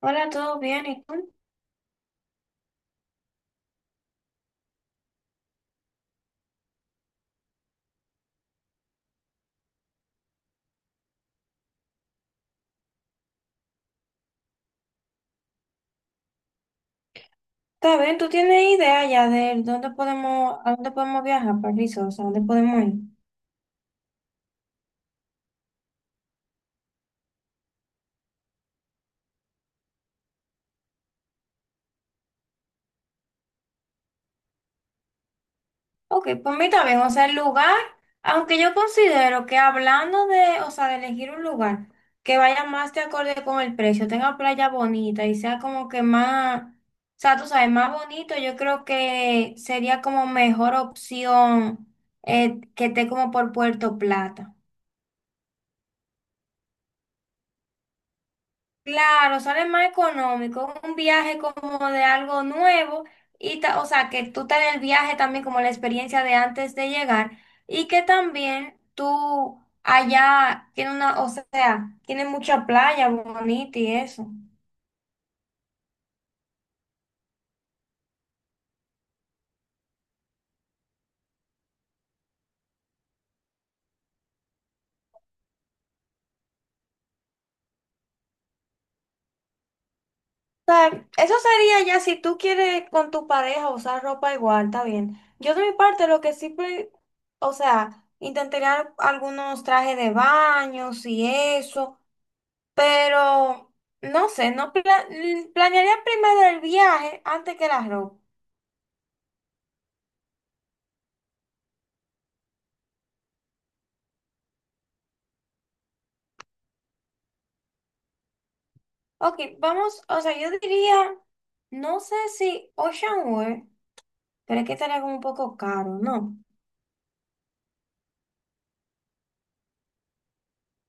Hola, ¿todo bien? ¿Y tú? ¿Está bien? ¿Tú tienes idea ya de dónde podemos, a dónde podemos viajar, París? O sea, ¿dónde podemos ir? Ok, pues a mí también, o sea, el lugar, aunque yo considero que hablando de, o sea, de elegir un lugar que vaya más de acorde con el precio, tenga playa bonita y sea como que más, o sea, tú sabes, más bonito, yo creo que sería como mejor opción que esté como por Puerto Plata. Claro, sale más económico, un viaje como de algo nuevo y o sea, que tú te des el viaje también como la experiencia de antes de llegar y que también tú allá tiene una, o sea, tiene mucha playa bonita y eso. O sea, eso sería ya si tú quieres con tu pareja usar ropa igual, está bien. Yo de mi parte lo que siempre, o sea, intentaría algunos trajes de baños y eso. Pero, no sé, no pla- mm, planearía primero el viaje antes que la ropa. Ok, vamos, o sea, yo diría, no sé si Ocean World, pero es que estaría como un poco caro, ¿no?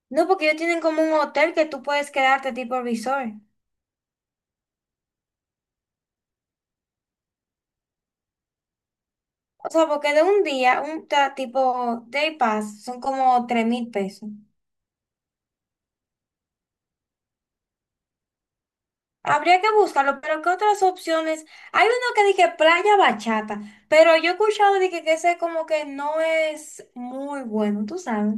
No, porque ellos tienen como un hotel que tú puedes quedarte tipo resort. O sea, porque de un día, un tipo day pass, son como 3,000 pesos. Habría que buscarlo, pero ¿qué otras opciones? Hay uno que dije playa bachata, pero yo he escuchado de que ese como que no es muy bueno, tú sabes.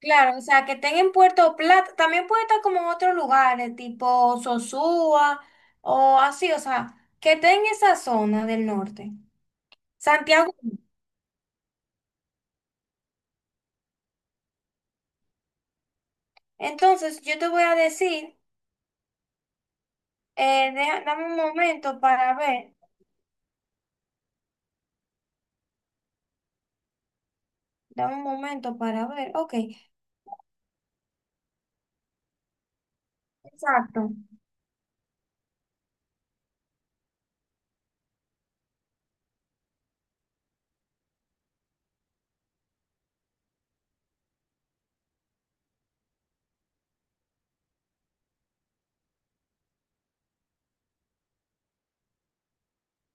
Claro, o sea, que estén en Puerto Plata, también puede estar como en otros lugares, tipo Sosúa o así, o sea, que estén en esa zona del norte. Santiago. Entonces, yo te voy a decir, dame un momento para ver, dame un momento para ver, ok, exacto.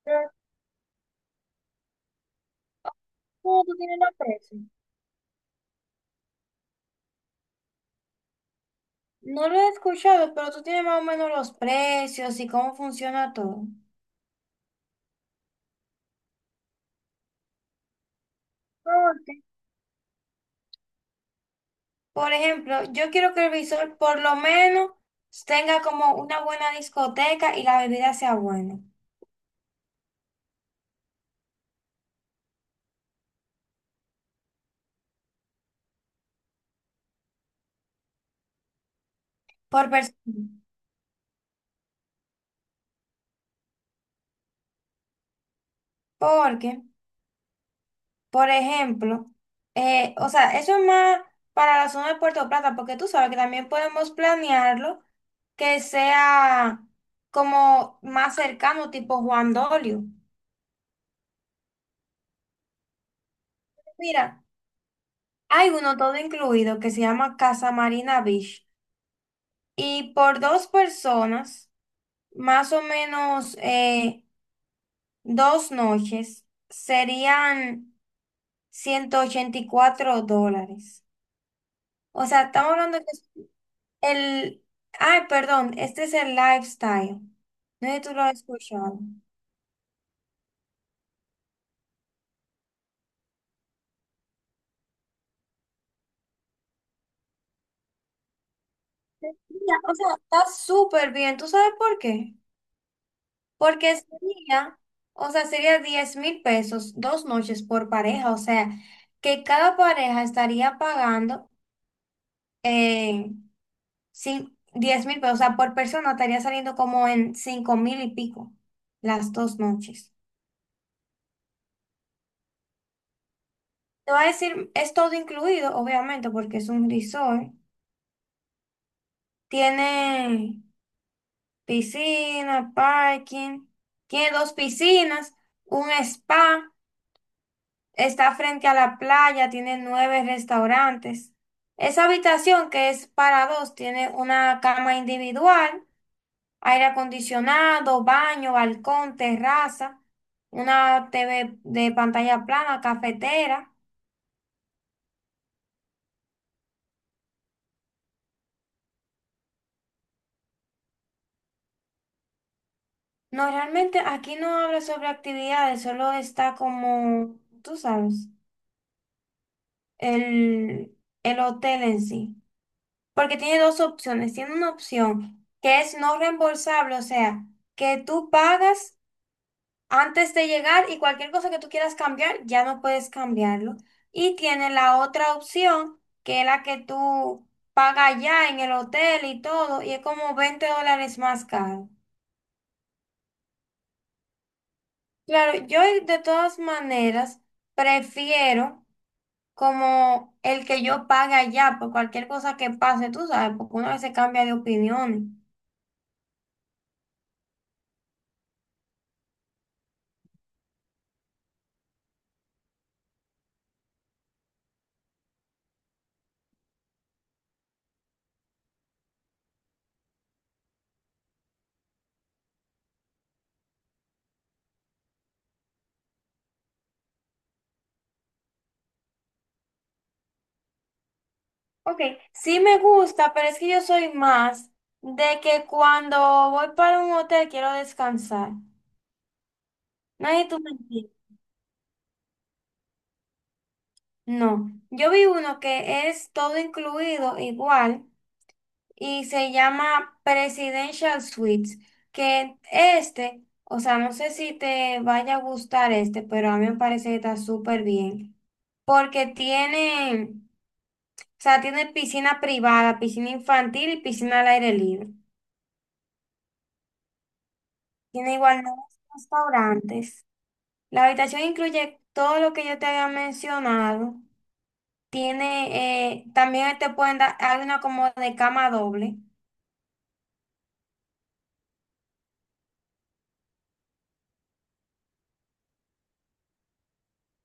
Pero, ¿cómo tú tienes los precios? No lo he escuchado, pero tú tienes más o menos los precios y cómo funciona todo. Ok. Por ejemplo, yo quiero que el visor por lo menos tenga como una buena discoteca y la bebida sea buena por persona. Porque, por ejemplo, o sea, eso es más para la zona de Puerto Plata, porque tú sabes que también podemos planearlo que sea como más cercano, tipo Juan Dolio. Mira. Hay uno todo incluido que se llama Casa Marina Beach y por dos personas, más o menos dos noches, serían 184 dólares. O sea, estamos hablando que el... Ay, perdón, este es el lifestyle. No sé si tú lo has escuchado. Mira, o sea, está súper bien. ¿Tú sabes por qué? Porque sería, o sea, sería 10,000 pesos dos noches por pareja, o sea, que cada pareja estaría pagando eh, 10,000 pesos, o sea, por persona estaría saliendo como en 5 mil y pico las dos noches. Te voy a decir, es todo incluido, obviamente, porque es un resort. Tiene piscina, parking, tiene dos piscinas, un spa. Está frente a la playa, tiene nueve restaurantes. Esa habitación que es para dos tiene una cama individual, aire acondicionado, baño, balcón, terraza, una TV de pantalla plana, cafetera. No, realmente aquí no habla sobre actividades, solo está como, tú sabes, el, el hotel en sí. Porque tiene dos opciones. Tiene una opción que es no reembolsable, o sea, que tú pagas antes de llegar y cualquier cosa que tú quieras cambiar, ya no puedes cambiarlo. Y tiene la otra opción, que es la que tú pagas ya en el hotel y todo, y es como 20 dólares más caro. Claro, yo de todas maneras prefiero como el que yo pague allá por cualquier cosa que pase, tú sabes, porque uno a veces cambia de opiniones. Ok, sí me gusta, pero es que yo soy más de que cuando voy para un hotel quiero descansar. Nadie tú me entiendes. No, yo vi uno que es todo incluido igual y se llama Presidential Suites, que este, o sea, no sé si te vaya a gustar este, pero a mí me parece que está súper bien, porque tiene, o sea, tiene piscina privada, piscina infantil y piscina al aire libre. Tiene igual nueve restaurantes. La habitación incluye todo lo que yo te había mencionado. Tiene, también te pueden dar, hay una como de cama doble.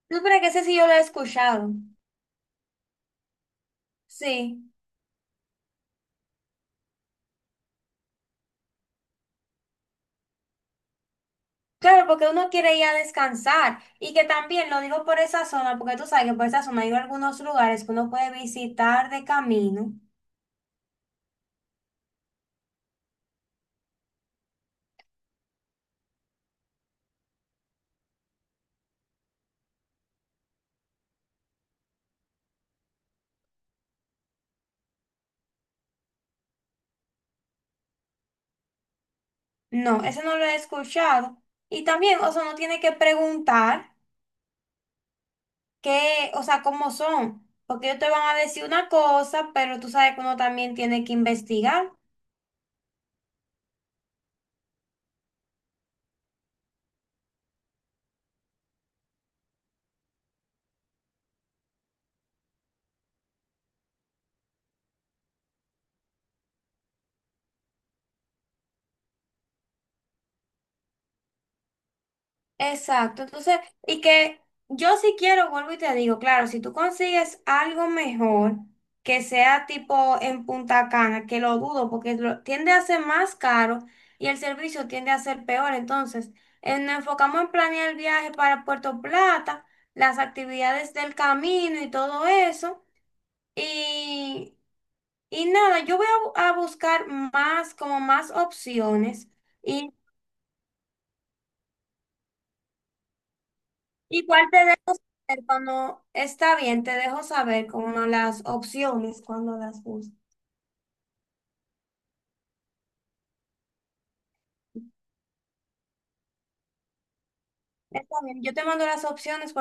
¿Tú pero que ese sí yo lo he escuchado. Sí. Claro, porque uno quiere ir a descansar. Y que también lo digo por esa zona, porque tú sabes que por esa zona hay algunos lugares que uno puede visitar de camino. No, ese no lo he escuchado. Y también, o sea, uno tiene que preguntar qué, o sea, cómo son. Porque ellos te van a decir una cosa, pero tú sabes que uno también tiene que investigar. Exacto, entonces, y que yo si quiero, vuelvo y te digo, claro, si tú consigues algo mejor que sea tipo en Punta Cana, que lo dudo porque tiende a ser más caro y el servicio tiende a ser peor, entonces nos enfocamos en planear el viaje para Puerto Plata, las actividades del camino y todo eso, y, y nada, yo voy a buscar más, como más opciones. Igual te dejo saber cuando está bien, te dejo saber como las opciones cuando las busques. Está bien, yo te mando las opciones.